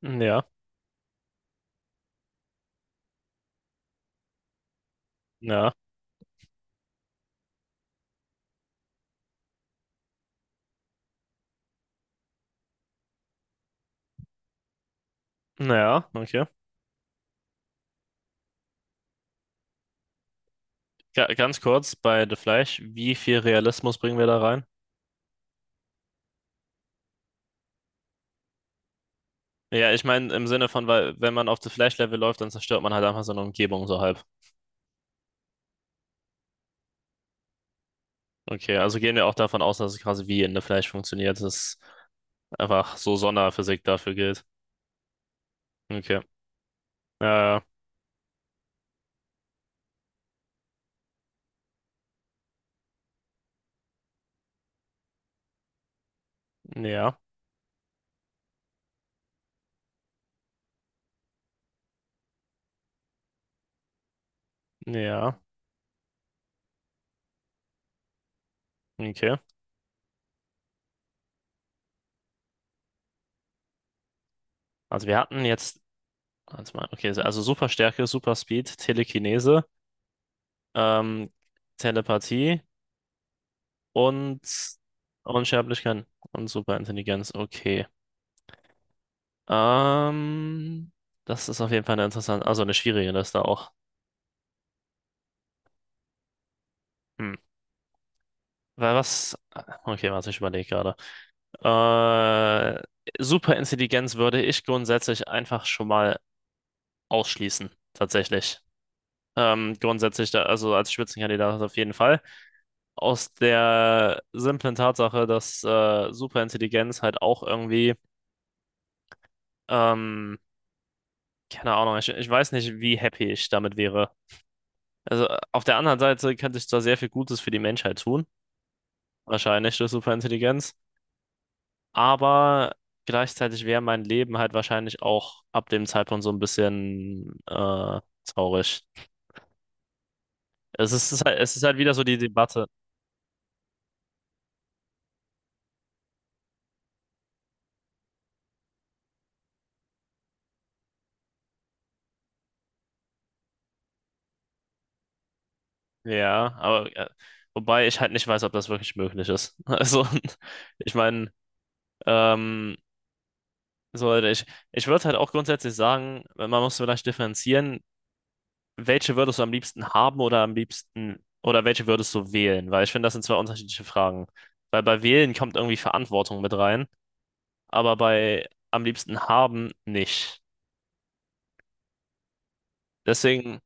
Ja, ja, ja, okay. Ga ganz kurz bei The Flash, wie viel Realismus bringen wir da rein? Ja, ich meine im Sinne von, weil wenn man auf The Flash-Level läuft, dann zerstört man halt einfach so eine Umgebung so halb. Okay, also gehen wir auch davon aus, dass es quasi wie in The Flash funktioniert, dass einfach so Sonderphysik dafür gilt. Okay. Äh, ja, ja, ja, okay. Also wir hatten jetzt, warte mal, okay, also Superstärke, Superspeed, Telekinese, ähm, Telepathie und Unsterblichkeit und Superintelligenz. Okay. Ähm, Das ist auf jeden Fall eine interessante, also eine schwierige Liste auch. Hm. Weil was? Okay, warte, ich überlege gerade. Äh, Superintelligenz würde ich grundsätzlich einfach schon mal ausschließen, tatsächlich. Grundsätzlich, da, also als Spitzenkandidat auf jeden Fall. Aus der simplen Tatsache, dass Superintelligenz halt auch irgendwie ähm, keine Ahnung, ich weiß nicht, wie happy ich damit wäre. Also auf der anderen Seite könnte ich zwar sehr viel Gutes für die Menschheit tun, wahrscheinlich durch Superintelligenz, aber gleichzeitig wäre mein Leben halt wahrscheinlich auch ab dem Zeitpunkt so ein bisschen traurig. Es ist halt wieder so die Debatte. Ja, aber wobei ich halt nicht weiß, ob das wirklich möglich ist. Also ich meine, ähm, so ich, ich würde halt auch grundsätzlich sagen, man muss vielleicht differenzieren, welche würdest du am liebsten haben oder am liebsten oder welche würdest du wählen? Weil ich finde, das sind zwei unterschiedliche Fragen. Weil bei wählen kommt irgendwie Verantwortung mit rein, aber bei am liebsten haben nicht. Deswegen,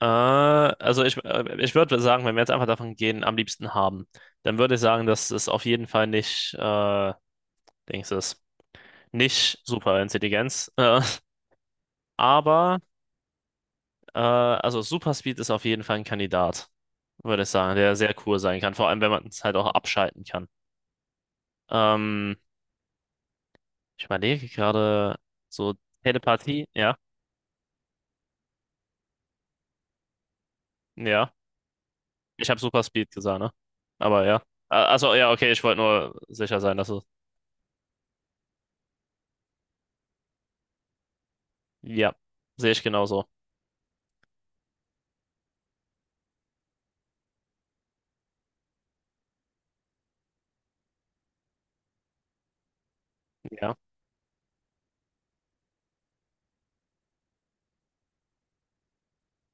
ich würde sagen, wenn wir jetzt einfach davon gehen, am liebsten haben, dann würde ich sagen, dass es auf jeden Fall nicht, Dings ist, nicht Superintelligenz. Aber, also Superspeed ist auf jeden Fall ein Kandidat, würde ich sagen, der sehr cool sein kann, vor allem wenn man es halt auch abschalten kann. Ähm, ich überlege gerade so. Telepathie, ja, ja. Ich habe Super Speed gesagt, ne? Aber ja. Also ja, okay, ich wollte nur sicher sein, dass es. Ja, sehe ich genauso. Ja,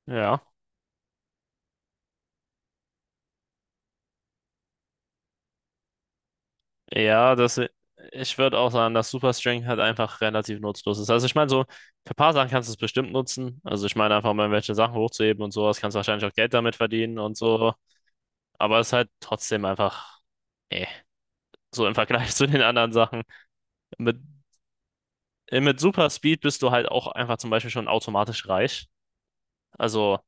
ja. Ja, das, ich würde auch sagen, dass Super Strength halt einfach relativ nutzlos ist. Also ich meine, so für ein paar Sachen kannst du es bestimmt nutzen. Also ich meine einfach mal, welche Sachen hochzuheben und sowas, kannst wahrscheinlich auch Geld damit verdienen und so. Aber es ist halt trotzdem einfach, eh, so im Vergleich zu den anderen Sachen. Mit mit Super Speed bist du halt auch einfach zum Beispiel schon automatisch reich. Also,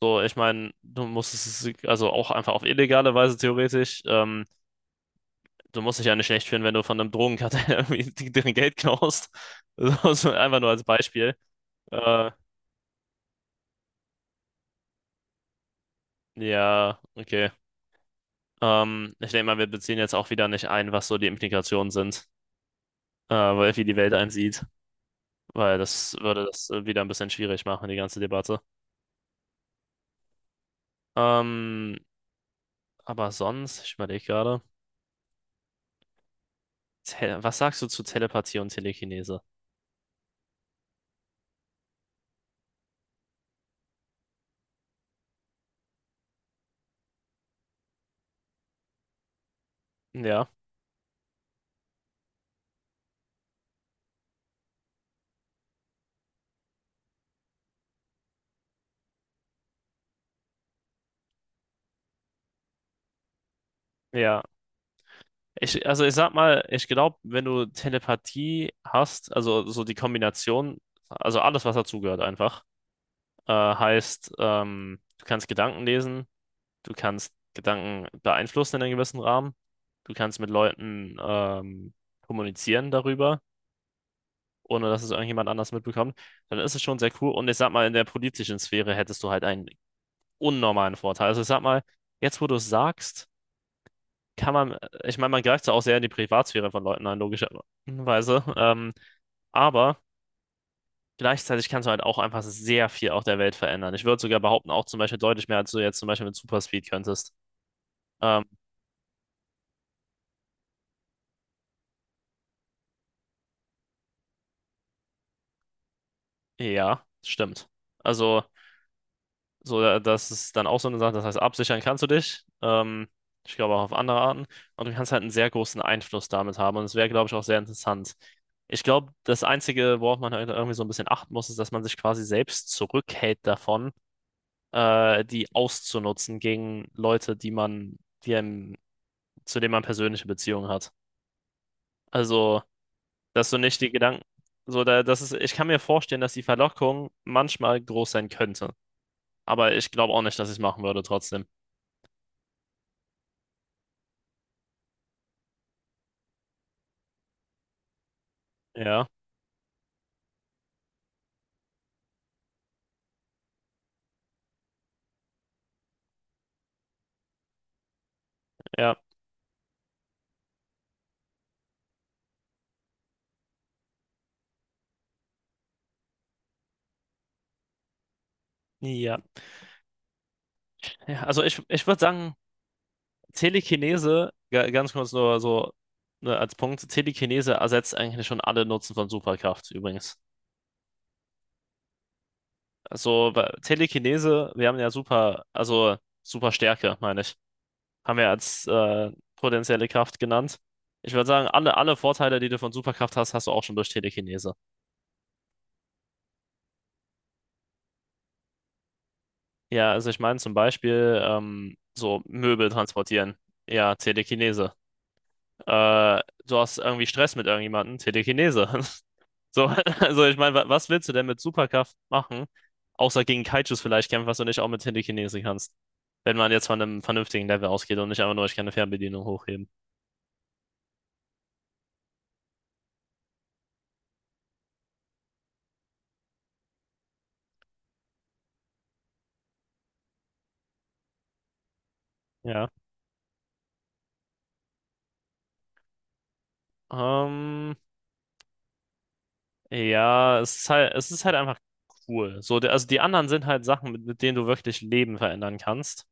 so, ich meine, du musst es, also auch einfach auf illegale Weise theoretisch, du musst dich ja nicht schlecht fühlen, wenn du von einem Drogenkartell irgendwie deren Geld klaust. So, so einfach nur als Beispiel. Äh, ja, okay. Ich denke mal, wir beziehen jetzt auch wieder nicht ein, was so die Implikationen sind, weil wie die Welt einsieht, weil das würde das wieder ein bisschen schwierig machen, die ganze Debatte. Ähm, aber sonst, ich überlege gerade. Tele, was sagst du zu Telepathie und Telekinese? Ja, ja. Also ich sag mal, ich glaube, wenn du Telepathie hast, also so die Kombination, also alles, was dazugehört einfach, heißt, du kannst Gedanken lesen, du kannst Gedanken beeinflussen in einem gewissen Rahmen, du kannst mit Leuten kommunizieren darüber, ohne dass es irgendjemand anders mitbekommt, dann ist es schon sehr cool. Und ich sag mal, in der politischen Sphäre hättest du halt einen unnormalen Vorteil. Also ich sag mal, jetzt wo du es sagst, kann man, ich meine, man greift ja auch sehr in die Privatsphäre von Leuten ein, logischerweise. Aber gleichzeitig kannst du halt auch einfach sehr viel auf der Welt verändern. Ich würde sogar behaupten, auch zum Beispiel deutlich mehr, als du jetzt zum Beispiel mit Superspeed könntest. Ähm, ja, stimmt. Also, so, das ist dann auch so eine Sache, das heißt, absichern kannst du dich. Ich glaube auch auf andere Arten. Und du kannst halt einen sehr großen Einfluss damit haben. Und es wäre, glaube ich, auch sehr interessant. Ich glaube, das Einzige, worauf man halt irgendwie so ein bisschen achten muss, ist, dass man sich quasi selbst zurückhält davon die auszunutzen gegen Leute, die einem, zu denen man persönliche Beziehungen hat. Also, dass du nicht die Gedanken, so da, das ist, ich kann mir vorstellen, dass die Verlockung manchmal groß sein könnte. Aber ich glaube auch nicht, dass ich es machen würde trotzdem. Ja, ja, ja. Ja, also ich würde sagen, Telekinese, ganz kurz nur so, ne, als Punkt, Telekinese ersetzt eigentlich schon alle Nutzen von Superkraft übrigens. Also weil Telekinese, wir haben ja super, also super Stärke, meine ich, haben wir als potenzielle Kraft genannt. Ich würde sagen, alle Vorteile, die du von Superkraft hast, hast du auch schon durch Telekinese. Ja, also ich meine zum Beispiel so Möbel transportieren. Ja, Telekinese. Äh, Du hast irgendwie Stress mit irgendjemandem, Telekinese. So, also ich meine, was willst du denn mit Superkraft machen, außer gegen Kaijus vielleicht kämpfen, was du nicht auch mit Telekinese kannst? Wenn man jetzt von einem vernünftigen Level ausgeht und nicht einfach nur, ich kann eine Fernbedienung hochheben. Ja. Ähm, Ja, es ist halt einfach cool. So, also die anderen sind halt Sachen, mit denen du wirklich Leben verändern kannst.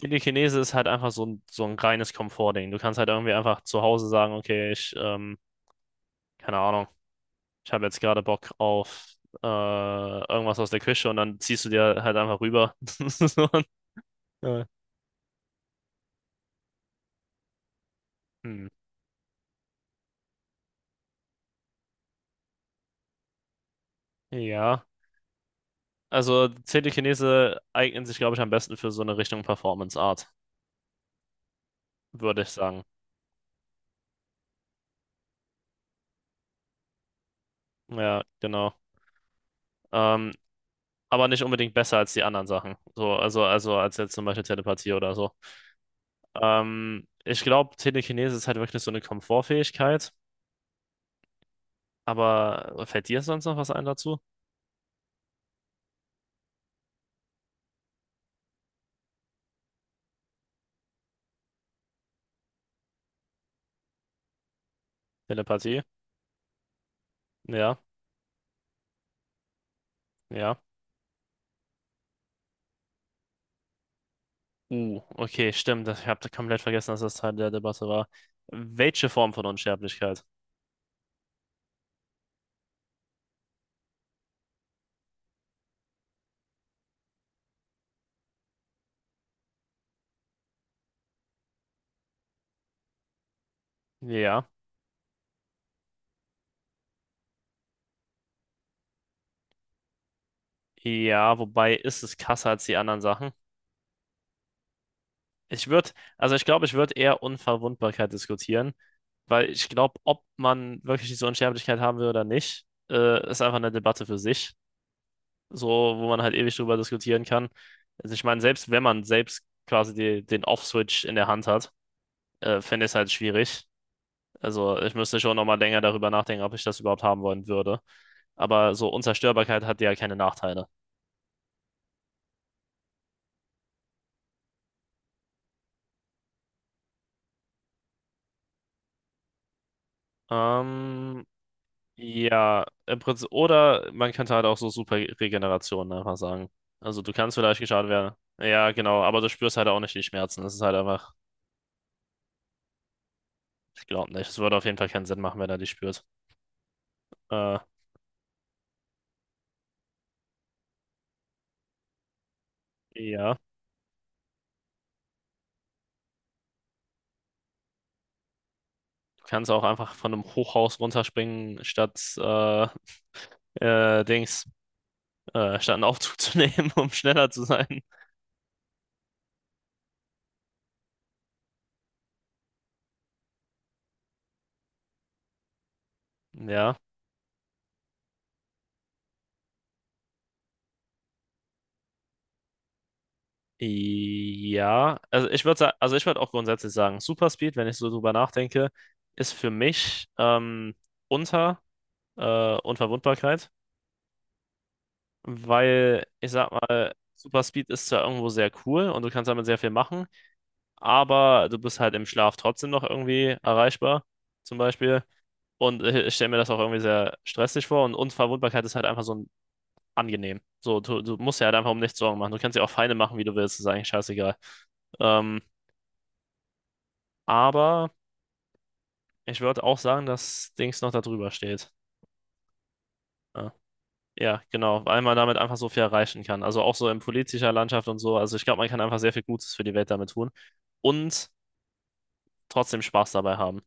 Telekinese ist halt einfach so ein reines Komfortding. Du kannst halt irgendwie einfach zu Hause sagen, okay, ich, keine Ahnung, ich habe jetzt gerade Bock auf irgendwas aus der Küche und dann ziehst du dir halt einfach rüber. So, äh, hm. Ja, also Telekinese eignen sich, glaube ich, am besten für so eine Richtung Performance Art, würde ich sagen. Ja, genau. Ähm, aber nicht unbedingt besser als die anderen Sachen. So, also als jetzt zum Beispiel Telepathie oder so. Ich glaube, Telekinese ist halt wirklich so eine Komfortfähigkeit. Aber fällt dir sonst noch was ein dazu? Telepathie? Ja, ja. Okay, stimmt. Ich habe komplett vergessen, dass das Teil der Debatte war. Welche Form von Unsterblichkeit? Ja. Ja, wobei ist es krasser als die anderen Sachen? Ich würde, also ich glaube, ich würde eher Unverwundbarkeit diskutieren, weil ich glaube, ob man wirklich diese Unsterblichkeit haben will oder nicht, ist einfach eine Debatte für sich, so wo man halt ewig drüber diskutieren kann. Also ich meine, selbst wenn man selbst quasi die, den Off-Switch in der Hand hat, finde ich es halt schwierig. Also ich müsste schon nochmal länger darüber nachdenken, ob ich das überhaupt haben wollen würde. Aber so Unzerstörbarkeit hat ja keine Nachteile. Ähm, Ja, im Prinzip, oder man könnte halt auch so super Regeneration einfach sagen. Also du kannst vielleicht geschadet werden. Ja, genau, aber du spürst halt auch nicht die Schmerzen. Das ist halt einfach, ich glaube nicht. Es würde auf jeden Fall keinen Sinn machen, wenn er die spürt. Äh, ja, du kannst auch einfach von einem Hochhaus runterspringen, statt Dings, statt einen Aufzug zu nehmen, um schneller zu sein. Ja. Ja, also ich würde auch grundsätzlich sagen, Superspeed, wenn ich so drüber nachdenke, ist für mich unter Unverwundbarkeit, weil ich sag mal, Superspeed ist zwar irgendwo sehr cool und du kannst damit sehr viel machen, aber du bist halt im Schlaf trotzdem noch irgendwie erreichbar, zum Beispiel. Und ich stelle mir das auch irgendwie sehr stressig vor und Unverwundbarkeit ist halt einfach so ein angenehm. So, du musst ja halt einfach um nichts Sorgen machen. Du kannst dir auch Feinde machen, wie du willst, ist eigentlich scheißegal. Ähm, aber Ich würde auch sagen, dass Dings noch da drüber steht. Ja, ja, genau, weil man damit einfach so viel erreichen kann. Also auch so in politischer Landschaft und so. Also ich glaube, man kann einfach sehr viel Gutes für die Welt damit tun und trotzdem Spaß dabei haben.